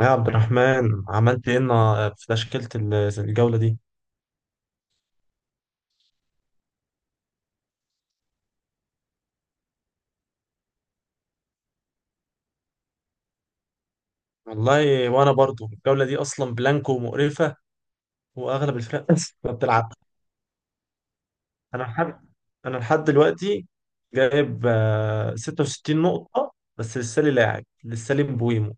يا عبد الرحمن، عملت ايه في تشكيلة الجولة دي؟ والله وانا برضو الجولة دي اصلا بلانكو ومقرفة، واغلب الفرق ما بتلعب. انا لحد انا لحد دلوقتي جايب 66 نقطة بس، لسه لي لاعب، لسه لي مبويمو،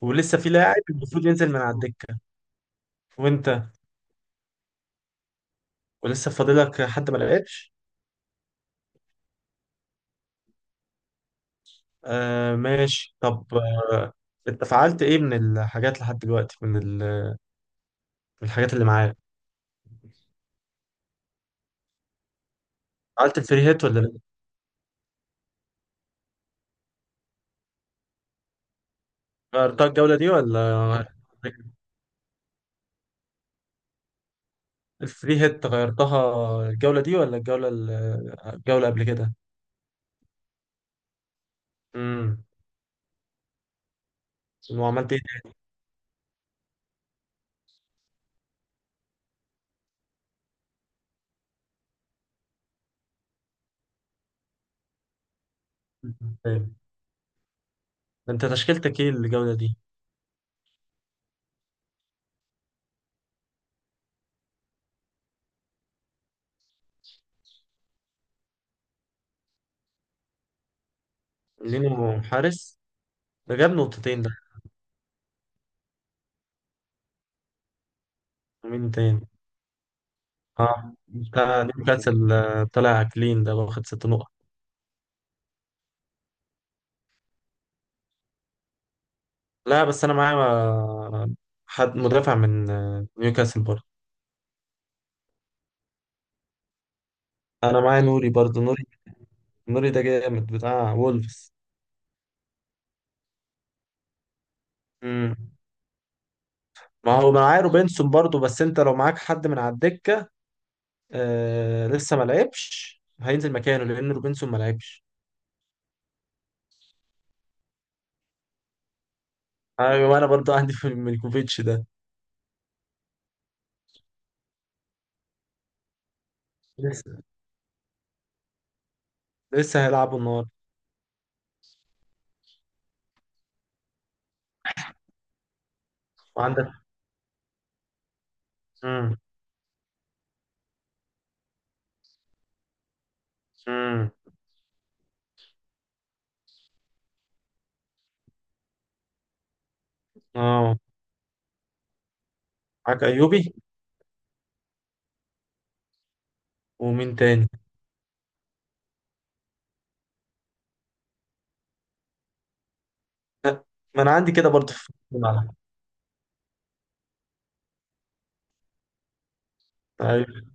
ولسه في لاعب المفروض ينزل من على الدكة. وانت، ولسه فاضلك حد ما لعبش؟ آه، ماشي، طب آه، انت فعلت ايه من الحاجات لحد دلوقتي من من الحاجات اللي معاك؟ عملت الفري هيت ولا غيرتها الجولة دي ولا الفري هيت غيرتها الجولة دي ولا الجولة قبل كده؟ امم. وعملت ايه تاني؟ انت تشكيلتك ايه الجولة دي؟ لينو حارس، ده جاب نقطتين ده. مين تاني؟ اه، بتاع نيوكاسل، طلع كلين ده، واخد ست نقط. لا بس انا معايا حد مدافع من نيوكاسل برضه. انا معايا نوري برضه. نوري، نوري ده جامد بتاع وولفز. ما هو معاه روبنسون برضو، بس انت لو معاك حد من على الدكه لسه ما لعبش، هينزل مكانه لان روبنسون ما لعبش. ايوه، انا برضو عندي في ميلكوفيتش ده. لسه لسه هيلعبوا النهارده. وعندك؟ امم، امم. اه، معاك ايوبي. ومين تاني؟ لا، ما انا عندي كده برضو في الملعب. ايوه،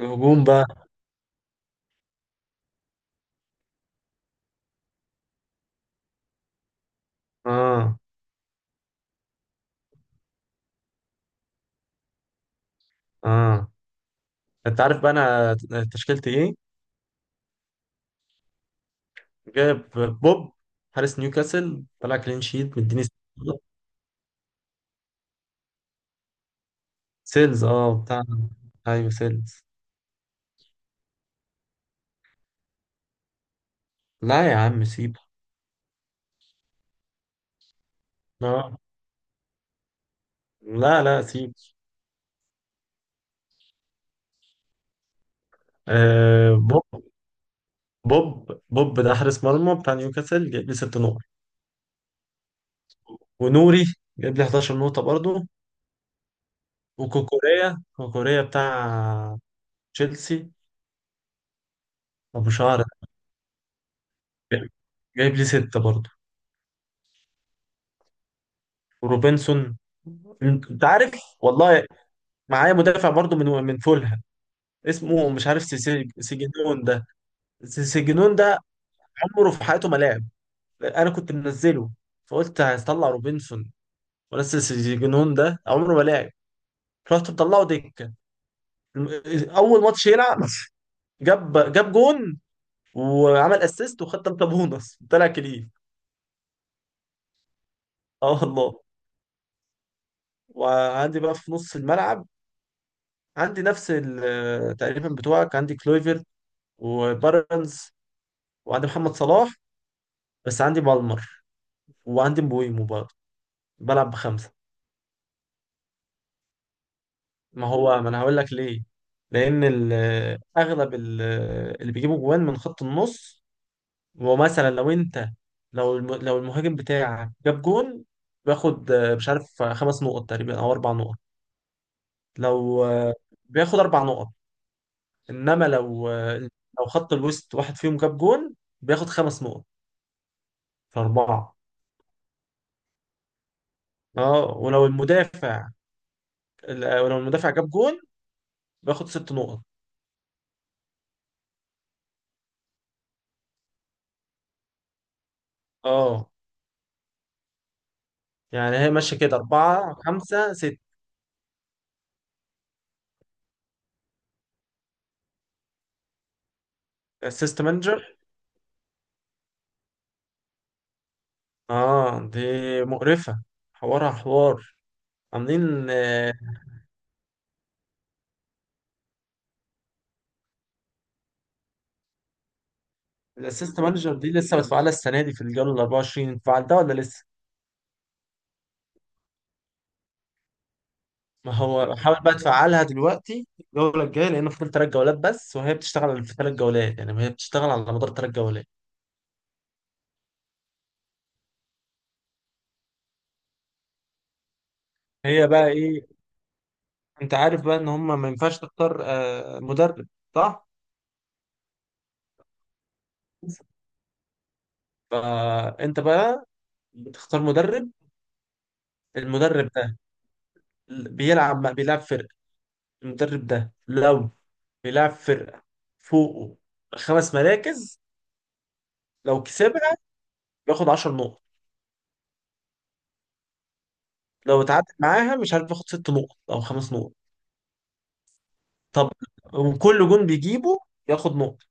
الهجوم بقى. اه، اه، انت عارف بقى انا تشكيلتي ايه؟ جايب بوب، حارس نيوكاسل طلع كلين شيت، مديني. سيلز؟ اه بتاع. ايوه، سيلز. لا يا عم سيبه. اه. لا، لا، سيب. آه، بوب ده حارس مرمى بتاع نيوكاسل، جايب لي ست نقط. ونوري جايب لي 11 نقطة برضه. وكوكوريا، كوكوريا بتاع تشيلسي، ابو شعر، ده جايب لي ستة برضه. وروبنسون، انت عارف. والله معايا مدافع برضه من فولهام، اسمه مش عارف، سيجنون ده. سيجنون ده عمره في حياته ما لعب. انا كنت منزله، فقلت هطلع روبنسون وانزل سيجنون ده. عمره ما لعب، رحت مطلعه دكه. اول ماتش يلعب جاب جون، وعمل اسيست، وخد تلاتة بونص، طلع كليف. اه والله. وعندي بقى في نص الملعب، عندي نفس تقريبا بتوعك. عندي كلويفر وبارنز، وعندي محمد صلاح، بس عندي بالمر وعندي مبويمو برضه. بلعب بخمسه. ما هو ما انا هقول لك ليه، لان اغلب اللي بيجيبوا جوان من خط النص. ومثلا لو انت، لو لو المهاجم بتاعك جاب جون، بياخد مش عارف خمس نقط تقريبا او اربع نقط. لو آه، بياخد اربع نقط. انما لو خط الوسط واحد فيهم جاب جون، بياخد خمس نقط. فاربعه. اه، ولو المدافع جاب جون، بياخد ست نقط. اه، يعني هي ماشيه كده، اربعه خمسه ست. اسيست مانجر. اه، دي مقرفة، حوارها حوار، عاملين. الاسيست مانجر دي لسه بتفعلها السنة دي؟ في الجولة ال 24 فعلتها ولا لسه؟ ما هو بحاول بقى تفعلها دلوقتي الجولة الجاية، لأن فاضل تلات جولات بس، وهي بتشتغل في تلات جولات. يعني هي بتشتغل على مدار تلات جولات. هي بقى إيه؟ أنت عارف بقى إن هما ما ينفعش تختار مدرب، صح؟ فأنت بقى بتختار مدرب. المدرب ده بيلعب فرق. المدرب ده لو بيلعب فرقة فوقه خمس مراكز، لو كسبها بياخد 10 نقط. لو اتعادل معاها، مش عارف، بياخد ست نقط او خمس نقط. طب. وكل جون بيجيبه ياخد نقطة.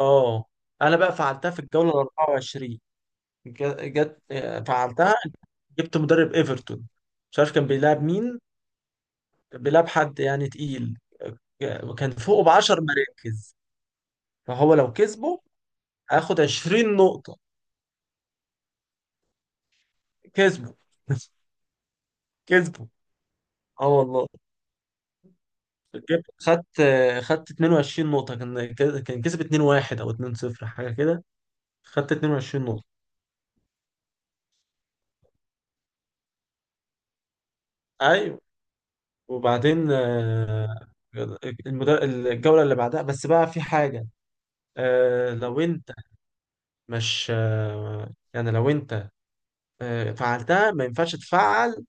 اه، انا بقى فعلتها في الجولة ال 24. جت فعلتها. جبت مدرب ايفرتون، مش عارف كان بيلعب مين، بيلعب حد يعني تقيل، كان فوقه ب 10 مراكز. فهو لو كسبه هياخد 20 نقطة. كسبه كسبه. اه والله. جبت، خدت 22 نقطة. كان كسب 2-1 او 2-0 حاجة كده. خدت 22 نقطة. ايوه. وبعدين الجولة اللي بعدها بس بقى في حاجة. لو انت مش يعني لو انت فعلتها، ما ينفعش تفعل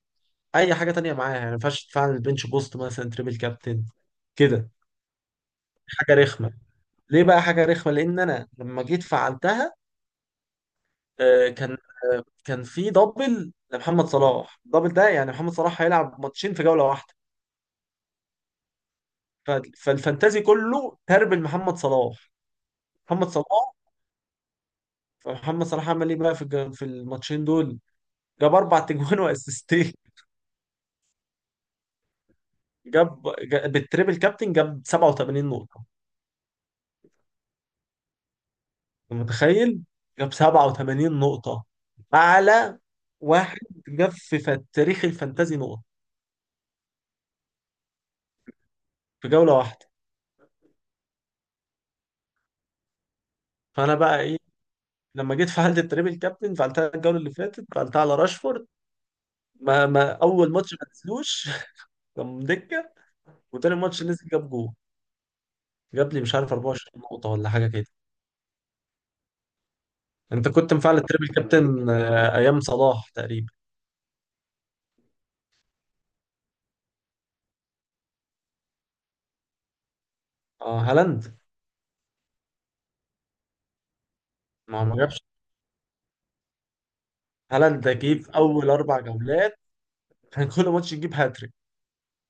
اي حاجة تانية معاها. يعني ما ينفعش تفعل البنش بوست مثلا، تريبل كابتن كده. حاجة رخمة. ليه بقى حاجة رخمة؟ لان انا لما جيت فعلتها آه، كان كان في دبل لمحمد صلاح. الدبل ده يعني محمد صلاح هيلعب ماتشين في جولة واحدة. ف- فالفانتازي كله تربل محمد صلاح. محمد صلاح، فمحمد صلاح عمل ايه بقى في في الماتشين دول؟ جاب اربع تجوان واسيستين. بالتريبل كابتن جاب 87 نقطة. أنت متخيل؟ جاب 87 نقطة، اعلى واحد جاب في تاريخ الفانتازي نقط في جولة واحدة. فانا بقى ايه؟ لما جيت فعلت التريبل كابتن، فعلتها الجولة اللي فاتت، فعلتها على راشفورد. ما اول ماتش ما نزلوش كان دكه. وتاني ماتش نزل، جاب جول، جاب لي مش عارف 24 نقطه ولا حاجه كده. انت كنت مفعل التريبل كابتن ايام صلاح تقريبا؟ اه، هالاند. ما هو ما جابش. هالاند ده جه في اول اربع جولات كان كل ماتش يجيب هاتريك،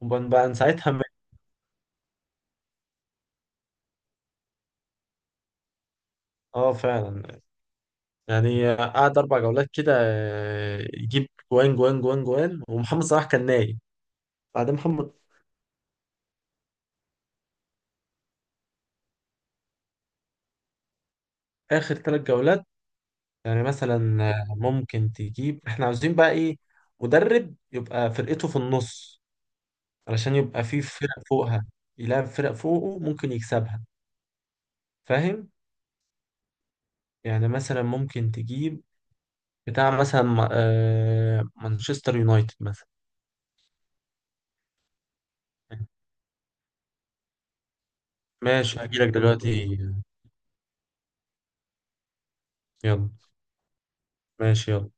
وبقى من ساعتها اه فعلا. يعني قعد اربع جولات كده يجيب جوان جوان جوان جوان، ومحمد صلاح كان نايم. بعد محمد، اخر ثلاث جولات، يعني مثلا ممكن تجيب، احنا عاوزين بقى ايه، مدرب يبقى فرقته في النص، علشان يبقى في فرق فوقها، يلعب فرق فوقه ممكن يكسبها. فاهم. يعني مثلا ممكن تجيب بتاع مثلا مانشستر يونايتد مثلا. ماشي، هجيلك دلوقتي. يلا، ماشي، يلا.